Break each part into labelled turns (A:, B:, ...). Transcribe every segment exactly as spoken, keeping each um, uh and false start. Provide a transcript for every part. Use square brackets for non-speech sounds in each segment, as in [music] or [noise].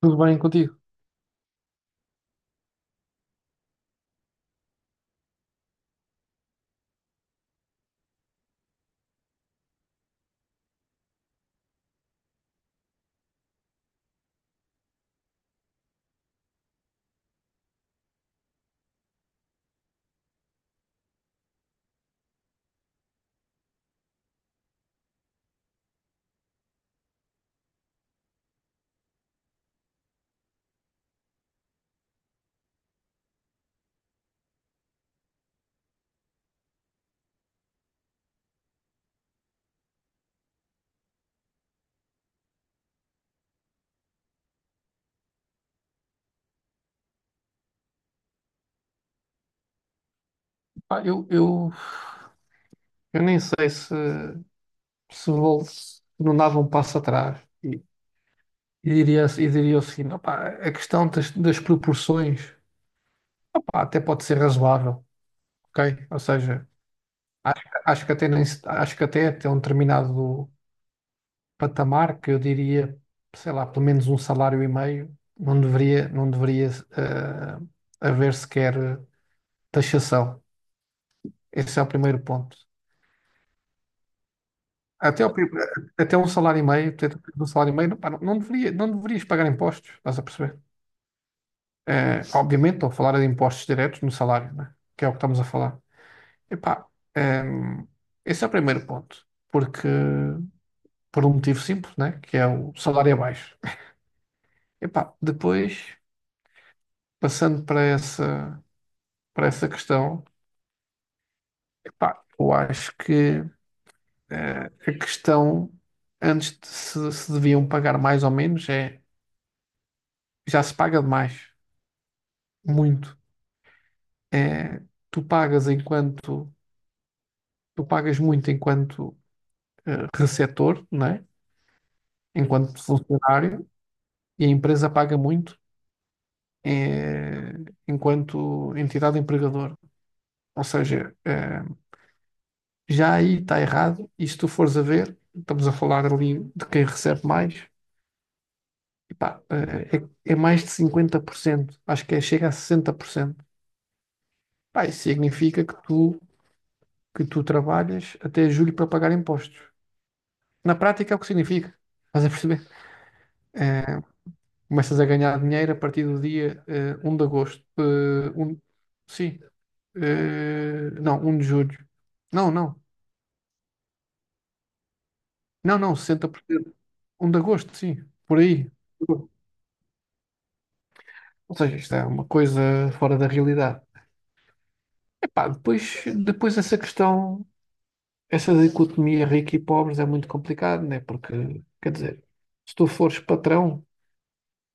A: Tudo bem contigo? Pá, eu, eu, eu nem sei se, se, vou- se não dava um passo atrás e, e diria, e diria o seguinte: opá, a questão das, das proporções, opá, até pode ser razoável, ok? Ou seja, acho, acho que até nem, se- acho que até até um determinado patamar que eu diria, sei lá, pelo menos um salário e meio, não deveria, não deveria eh, haver sequer taxação. Esse é o primeiro ponto. Até, o, pri- até um salário e meio, até um salário e meio, não, pá, não, não deveria, não deverias pagar impostos, estás a perceber? Eh, obviamente, estou a falar de impostos diretos no salário, né? Que é o que estamos a falar. Epá, ehm, esse é o primeiro ponto, porque por um motivo simples, né? Que é o salário é baixo. Epá, depois, passando para essa, para essa questão, epá, eu acho que eh, a questão, antes de se, se deviam pagar mais ou menos, é já se paga demais, muito. É, tu pagas enquanto, tu pagas muito enquanto eh, receptor, né? Enquanto funcionário, e a empresa paga muito eh, enquanto entidade empregadora. Ou seja, eh, já aí está errado, e se tu fores a ver, estamos a falar ali de quem recebe mais, epá, eh, é, é mais de cinquenta por cento. Acho que é, chega a sessenta por cento. Pá, isso significa que tu, que tu trabalhas até julho para pagar impostos. Na prática é o que significa. Estás a perceber? Eh, Começas a ganhar dinheiro a partir do dia eh, um de agosto. Eh, um, sim. Eh, não, um de julho. Não, não. Não, não, sessenta por cento um de agosto, sim. Por aí. Ou seja, isto é uma coisa fora da realidade. Epá, depois, depois essa questão, essa dicotomia rica e pobres é muito complicado, né? Porque, quer dizer, se tu fores patrão,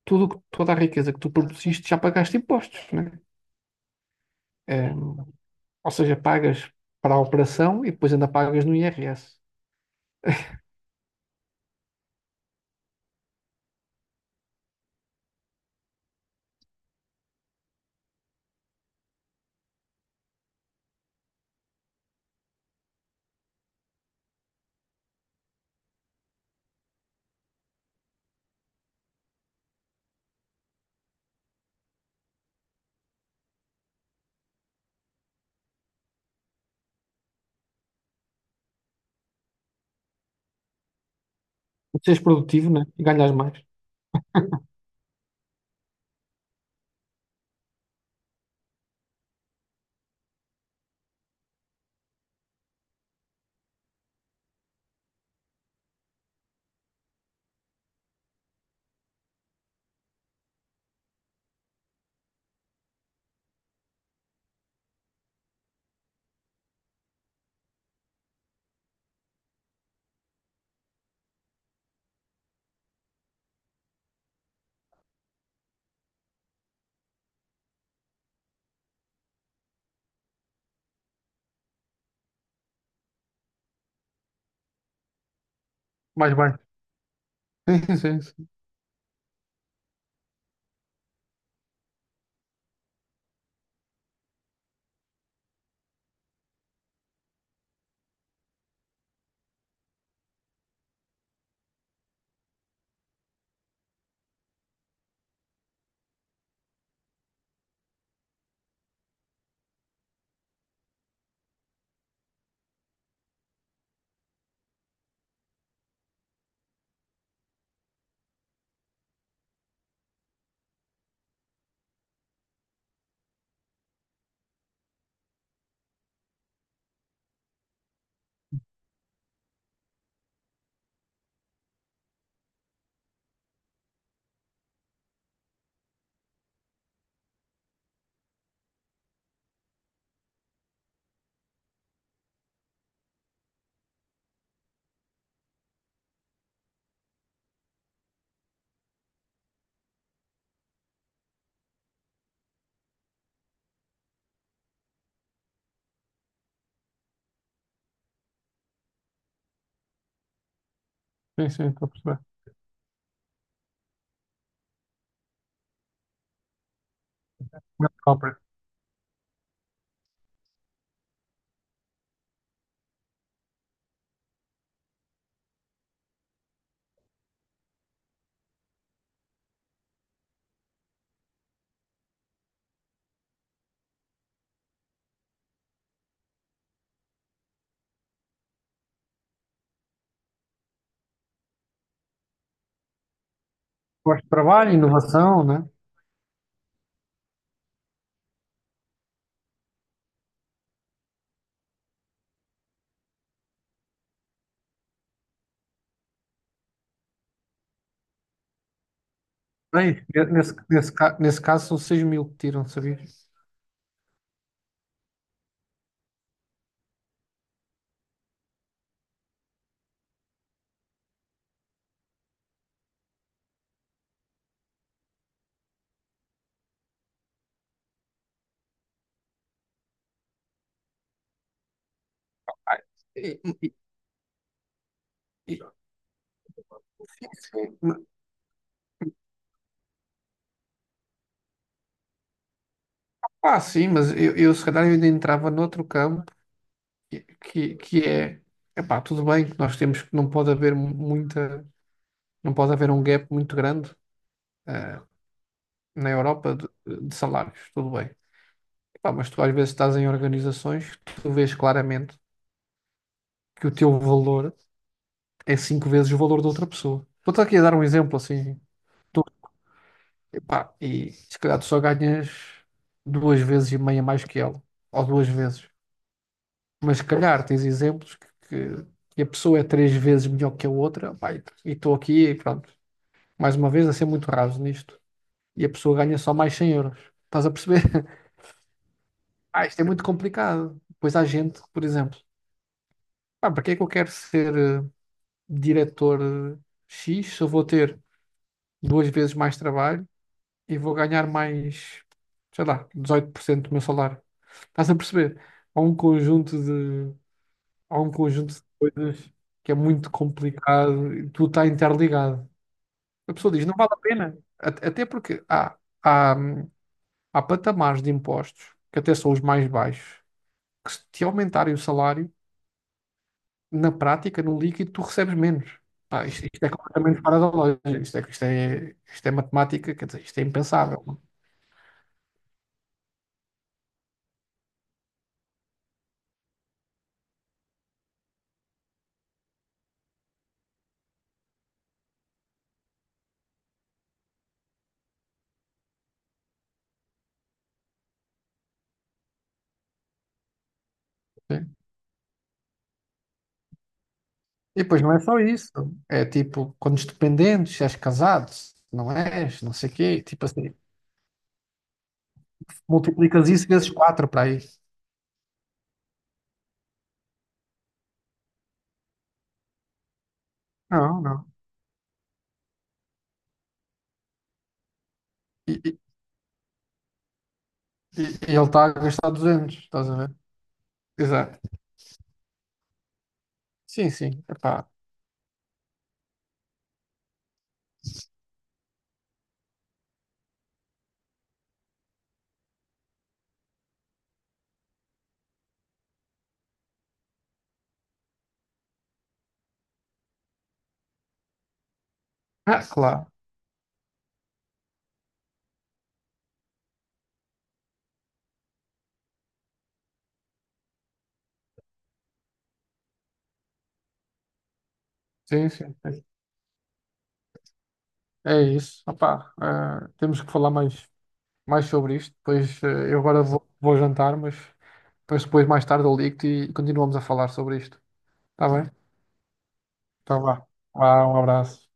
A: tudo, o que- toda a riqueza que tu produziste já pagaste impostos, né? É. Ou seja, pagas para a operação e depois ainda pagas no I R S. E seres produtivo, né? E ganhas mais. Mais bem. Sim, sim, sim. Sim, sim, estou a perceber. Grande compra. Gosto de trabalho, inovação, né? Bem, nesse, nesse, ca- nesse caso são seis mil que tiram, sabias? Ah, e- e- e- sim, sim. Ah, sim, mas eu, eu se calhar eu ainda entrava noutro campo que, que, que é, epá, tudo bem que nós temos que não pode haver muita, não pode haver um gap muito grande. eh, Na Europa de, de salários, tudo bem. Pá, mas tu às vezes estás em organizações que tu vês claramente que o teu valor é cinco vezes o valor da outra pessoa. Estou-te aqui a dar um exemplo assim. Tu, epá, e se calhar tu só ganhas duas vezes e meia mais que ela, ou duas vezes. Mas se calhar tens exemplos que, que que a pessoa é três vezes melhor que a outra, pá, e estou aqui e pronto. Mais uma vez a ser muito raso nisto. E a pessoa ganha só mais cem euros. Estás a perceber? [laughs] Ah, isto é muito complicado. Pois há gente que, por exemplo, ah, para que é que eu quero ser eh, diretor eh, X se eu vou ter duas vezes mais trabalho e vou ganhar mais, sei lá, dezoito por cento do meu salário? Estás a perceber? Há um conjunto de, há um conjunto de coisas que é muito complicado e tudo está interligado. A pessoa diz, não vale a pena. At- Até porque há, há, há patamares de impostos que até são os mais baixos, que se te aumentarem o salário na prática, no líquido, tu recebes menos. Pá, isto, isto é completamente fora da lógica. Isto é, isto é, isto é matemática, quer dizer, isto é impensável. Sim. E depois não é só isso. É tipo, quando és dependente, se és casado, se não és, não sei o quê. Tipo assim, multiplicas isso vezes quatro para aí. Não, não. E, e- e- e ele está a gastar duzentos, estás a ver? Exato. Sim, sim. Epá. Ah, claro. Sim, sim. É isso. Opá, eh, temos que falar mais, mais sobre isto. Depois, eh, eu agora vou, vou jantar, mas depois, depois mais tarde eu ligo-te e continuamos a falar sobre isto. Está bem? Então vá. Vá, um abraço.